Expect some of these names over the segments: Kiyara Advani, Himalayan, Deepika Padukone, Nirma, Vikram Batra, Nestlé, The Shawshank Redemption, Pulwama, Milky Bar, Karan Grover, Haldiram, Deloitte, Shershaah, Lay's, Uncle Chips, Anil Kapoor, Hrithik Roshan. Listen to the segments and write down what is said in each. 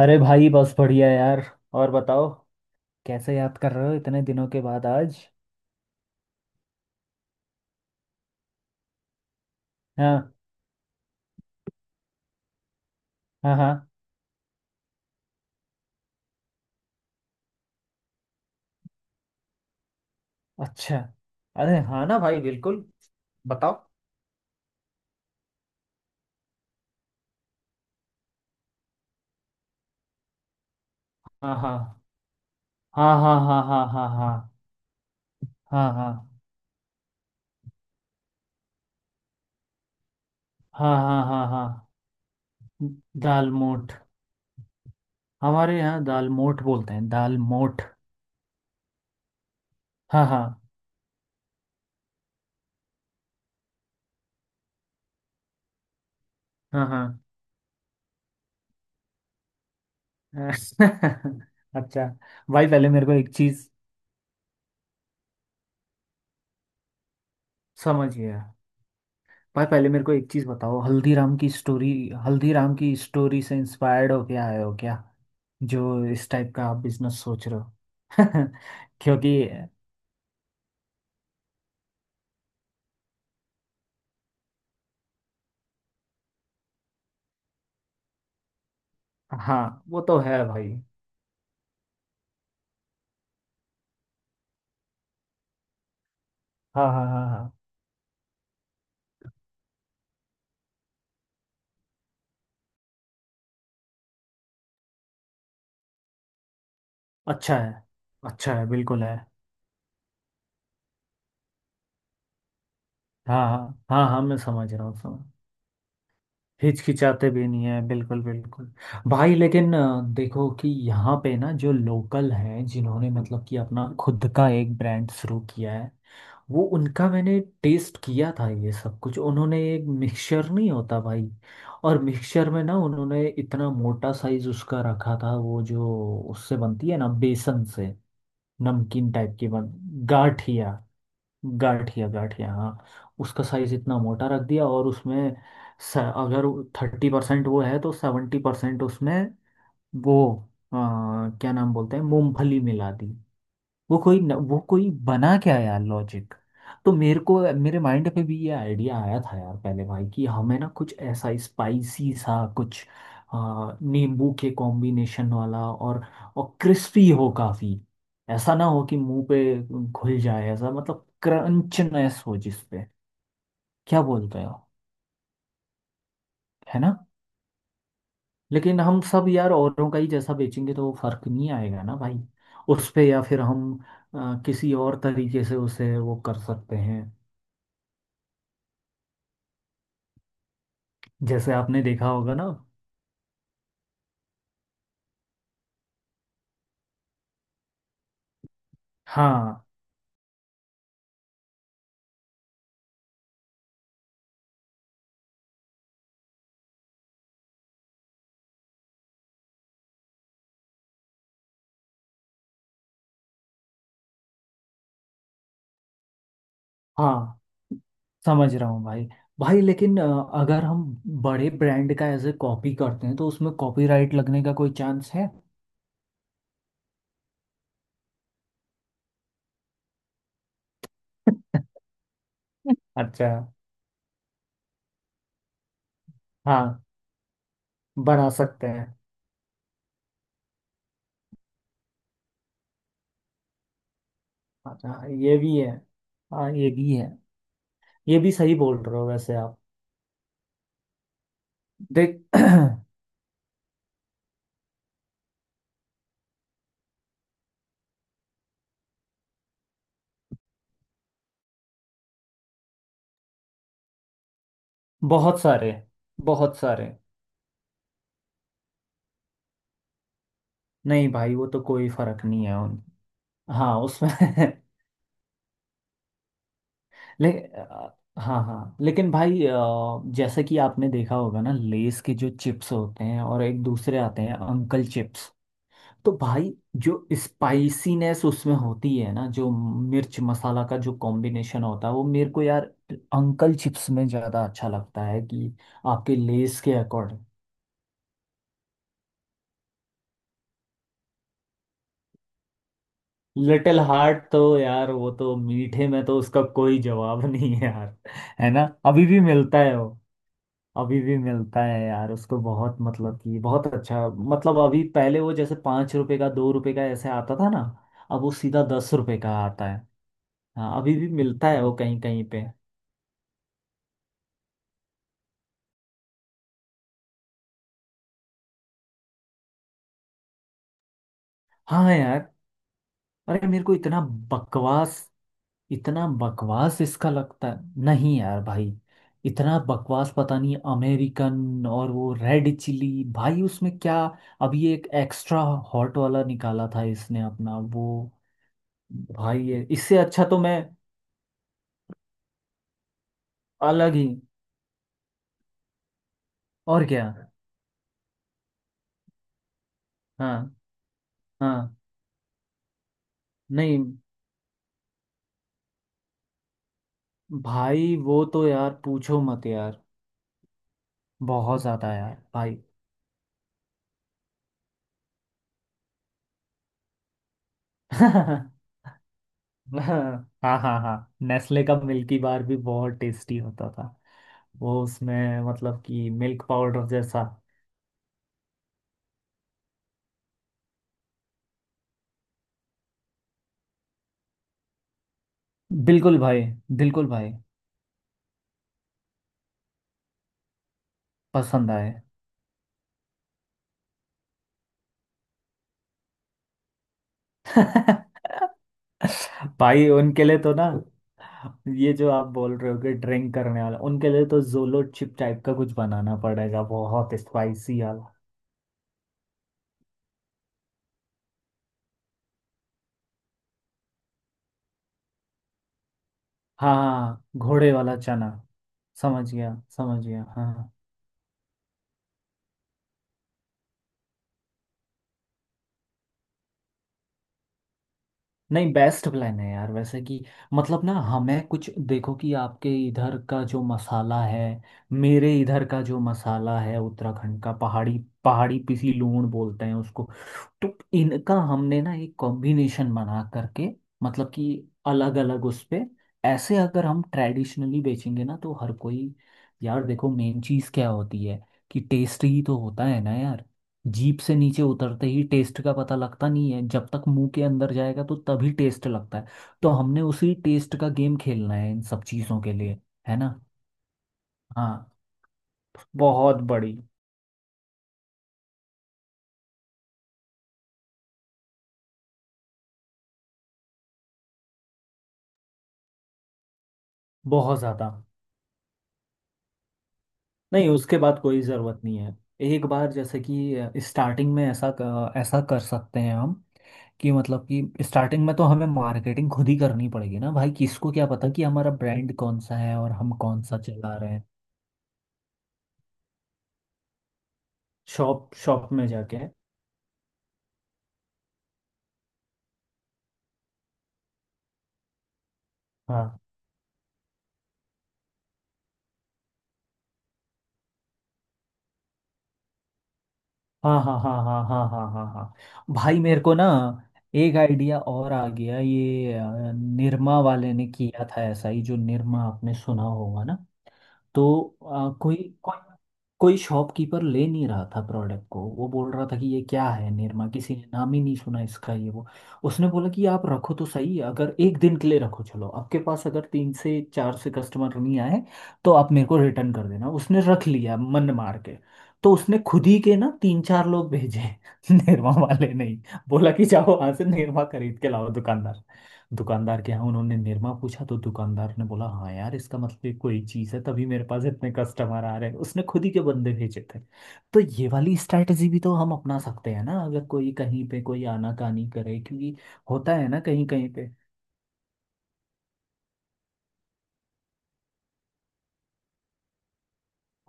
अरे भाई, बस बढ़िया यार। और बताओ, कैसे याद कर रहे हो इतने दिनों के बाद आज। हाँ। हाँ हाँ। अच्छा। अरे हाँ ना भाई, बिल्कुल। बताओ। हाँ हाँ हाँ। हाँ हाँ हाँ। हाँ हाँ हाँ हाँ। हाँ। हाँ हाँ हाँ। दाल मोठ। हमारे यहाँ दाल मोठ बोलते हैं, दाल मोठ। हाँ हाँ। हाँ हाँ। अच्छा। भाई पहले मेरे को एक चीज समझिए। भाई पहले मेरे को एक चीज बताओ, हल्दीराम की स्टोरी। हल्दीराम की स्टोरी से इंस्पायर्ड हो क्या, आए हो क्या, जो इस टाइप का आप बिजनेस सोच रहे हो? क्योंकि हाँ, वो तो है भाई। हाँ हाँ हाँ हाँ। अच्छा है। अच्छा है, बिल्कुल है। हाँ हाँ। हाँ हाँ, मैं समझ रहा हूँ, समझ। हिचकिचाते भी नहीं है बिल्कुल, बिल्कुल। भाई लेकिन देखो कि यहाँ पे ना जो लोकल हैं, जिन्होंने मतलब कि अपना खुद का एक ब्रांड शुरू किया है, वो उनका मैंने टेस्ट किया था। ये सब कुछ उन्होंने, एक मिक्सचर नहीं होता भाई? और मिक्सचर में ना उन्होंने इतना मोटा साइज उसका रखा था, वो जो उससे बनती है ना बेसन से, नमकीन टाइप की बन, गाठिया। गाठिया गाठिया हाँ। उसका साइज इतना मोटा रख दिया, और उसमें अगर 30% वो है तो 70% उसमें वो, अ, क्या नाम बोलते हैं, मूंगफली मिला दी। वो कोई न, वो कोई बना क्या यार लॉजिक। तो मेरे को, मेरे माइंड पे भी ये आइडिया आया था यार पहले भाई, कि हमें ना कुछ ऐसा स्पाइसी सा कुछ, नींबू के कॉम्बिनेशन वाला, और क्रिस्पी हो काफी। ऐसा ना हो कि मुंह पे घुल जाए, ऐसा मतलब क्रंचनेस हो जिस पे। क्या बोलते हो? है ना। लेकिन हम सब यार औरों का ही जैसा बेचेंगे तो वो फर्क नहीं आएगा ना भाई उस पे। या फिर हम किसी और तरीके से उसे वो कर सकते हैं। जैसे आपने देखा होगा ना। हाँ। हाँ, समझ रहा हूँ भाई। भाई लेकिन अगर हम बड़े ब्रांड का ऐसे कॉपी करते हैं तो उसमें कॉपीराइट लगने का कोई चांस है? अच्छा। हाँ, बना सकते हैं। अच्छा, ये भी है। हाँ, ये भी है। ये भी सही बोल रहे हो वैसे आप। देख बहुत सारे। बहुत सारे। नहीं भाई, वो तो कोई फर्क नहीं है उन। हाँ, उसमें हाँ हाँ, लेकिन भाई जैसा कि आपने देखा होगा ना, लेस के जो चिप्स होते हैं, और एक दूसरे आते हैं अंकल चिप्स, तो भाई जो स्पाइसीनेस उसमें होती है ना, जो मिर्च मसाला का जो कॉम्बिनेशन होता है, वो मेरे को यार अंकल चिप्स में ज़्यादा अच्छा लगता है कि, आपके लेस के अकॉर्डिंग। लिटिल हार्ट तो यार, वो तो मीठे में तो उसका कोई जवाब नहीं है यार। है ना, अभी भी मिलता है? अभी भी मिलता है यार उसको, बहुत मतलब कि बहुत अच्छा। मतलब अभी, पहले वो जैसे 5 रुपए का, 2 रुपए का ऐसे आता था ना, अब वो सीधा 10 रुपए का आता है। हाँ, अभी भी मिलता है वो कहीं कहीं पे। हाँ यार। अरे मेरे को इतना बकवास, इतना बकवास इसका लगता है, नहीं यार भाई। इतना बकवास, पता नहीं अमेरिकन और वो रेड चिली भाई उसमें क्या। अभी एक एक्स्ट्रा हॉट वाला निकाला था इसने अपना, वो भाई ये इससे अच्छा तो मैं। अलग ही। और क्या। हाँ हाँ। नहीं भाई, वो तो यार पूछो मत यार। बहुत ज्यादा यार भाई। हाँ हाँ हाँ, नेस्ले का मिल्की बार भी बहुत टेस्टी होता था। वो उसमें मतलब कि मिल्क पाउडर जैसा। बिल्कुल भाई। बिल्कुल भाई। पसंद आए। भाई उनके लिए तो ना, ये जो आप बोल रहे हो कि ड्रिंक करने वाला, उनके लिए तो जोलो चिप टाइप का कुछ बनाना पड़ेगा, बहुत स्पाइसी वाला। हाँ, घोड़े वाला चना। समझ गया, समझ गया हाँ। नहीं, बेस्ट प्लान है यार वैसे कि, मतलब ना हमें कुछ, देखो कि आपके इधर का जो मसाला है, मेरे इधर का जो मसाला है उत्तराखंड का, पहाड़ी, पहाड़ी पिसी लूण बोलते हैं उसको। तो इनका हमने ना एक कॉम्बिनेशन बना करके, मतलब कि अलग अलग उस पे, ऐसे अगर हम ट्रेडिशनली बेचेंगे ना तो हर कोई। यार देखो मेन चीज़ क्या होती है, कि टेस्ट ही तो होता है ना यार। जीभ से नीचे उतरते ही टेस्ट का पता लगता नहीं है, जब तक मुंह के अंदर जाएगा तो तभी टेस्ट लगता है। तो हमने उसी टेस्ट का गेम खेलना है इन सब चीज़ों के लिए। है ना। हाँ। बहुत बड़ी। बहुत ज़्यादा। नहीं, उसके बाद कोई ज़रूरत नहीं है। एक बार जैसे कि स्टार्टिंग में ऐसा ऐसा कर सकते हैं हम, कि मतलब कि स्टार्टिंग में तो हमें मार्केटिंग खुद ही करनी पड़ेगी ना भाई, किसको क्या पता कि हमारा ब्रांड कौन सा है और हम कौन सा चला रहे हैं। शॉप शॉप में जाके। हाँ हाँ हाँ हाँ हाँ हाँ हाँ हाँ हाँ। भाई मेरे को ना एक आइडिया और आ गया, ये निरमा वाले ने किया था ऐसा ही, जो निरमा आपने सुना होगा ना। तो अ, कोई कोई कोई शॉपकीपर ले नहीं रहा था प्रोडक्ट को, वो बोल रहा था कि ये क्या है निरमा, किसी ने नाम ही नहीं सुना इसका, ये वो। उसने बोला कि आप रखो तो सही, अगर एक दिन के लिए रखो, चलो आपके पास अगर तीन से चार से कस्टमर नहीं आए तो आप मेरे को रिटर्न कर देना। उसने रख लिया मन मार के। तो उसने खुद ही के ना तीन चार लोग भेजे, निरमा वाले। नहीं, बोला कि जाओ वहां से निरमा खरीद के लाओ दुकानदार, दुकानदार के यहाँ। उन्होंने निरमा पूछा, तो दुकानदार ने बोला हाँ यार, इसका मतलब ये कोई चीज़ है, तभी मेरे पास इतने कस्टमर आ रहे हैं। उसने खुद ही के बंदे भेजे थे। तो ये वाली स्ट्रैटेजी भी तो हम अपना सकते हैं ना, अगर कोई कहीं पे कोई आनाकानी करे, क्योंकि होता है ना कहीं कहीं पे।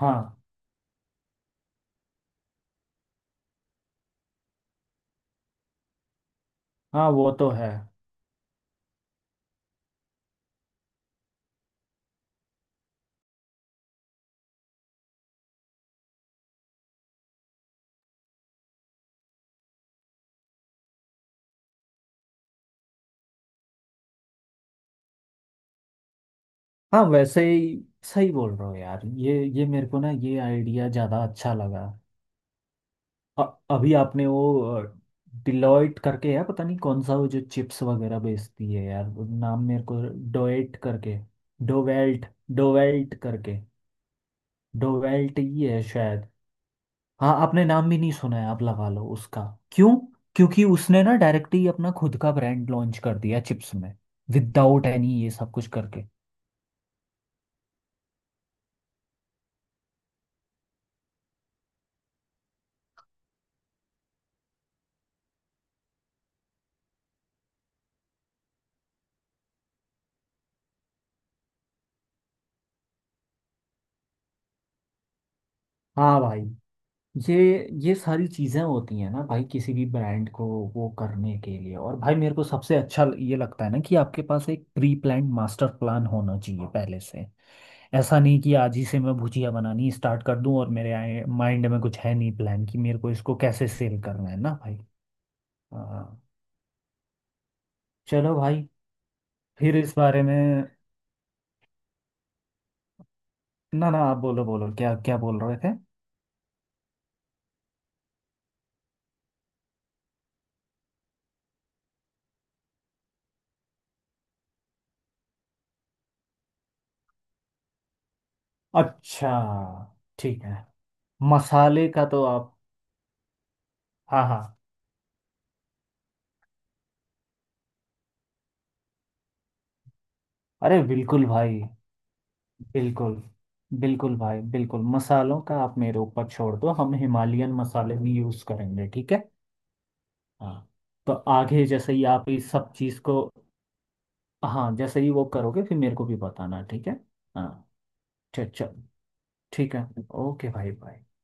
हाँ हाँ, वो तो है। हाँ वैसे ही, सही बोल रहे हो यार। ये मेरे को ना ये आइडिया ज़्यादा अच्छा लगा। अ- अभी आपने वो डिलॉयट करके है, पता नहीं कौन सा, वो जो चिप्स वगैरह बेचती है यार, वो नाम मेरे को। डोएट करके। डोवेल्ट, डोवेल्ट करके। डोवेल्ट ही है शायद। हाँ, आपने नाम भी नहीं सुना है, आप लगा लो उसका। क्यों? क्योंकि उसने ना डायरेक्ट ही अपना खुद का ब्रांड लॉन्च कर दिया चिप्स में, विदाउट एनी ये सब कुछ करके। हाँ भाई, ये ये सारी चीज़ें होती हैं ना भाई, किसी भी ब्रांड को वो करने के लिए। और भाई मेरे को सबसे अच्छा ये लगता है ना, कि आपके पास एक प्री प्लान्ड मास्टर प्लान होना चाहिए पहले से। ऐसा नहीं कि आज ही से मैं भुजिया बनानी स्टार्ट कर दूं, और मेरे आए माइंड में कुछ है नहीं प्लान कि मेरे को इसको कैसे सेल करना है ना भाई। हाँ। चलो भाई। फिर इस बारे में। ना ना, आप बोलो बोलो, क्या क्या बोल रहे थे। अच्छा। ठीक है। मसाले का तो आप। हाँ हाँ। अरे बिल्कुल भाई, बिल्कुल। बिल्कुल भाई बिल्कुल, मसालों का आप मेरे ऊपर छोड़ दो, हम हिमालयन मसाले भी यूज़ करेंगे, ठीक है। हाँ। तो आगे जैसे ही आप इस सब चीज़ को, हाँ जैसे ही वो करोगे फिर मेरे को भी बताना, ठीक है। हाँ। चल चल। ठीक है। ओके भाई भाई।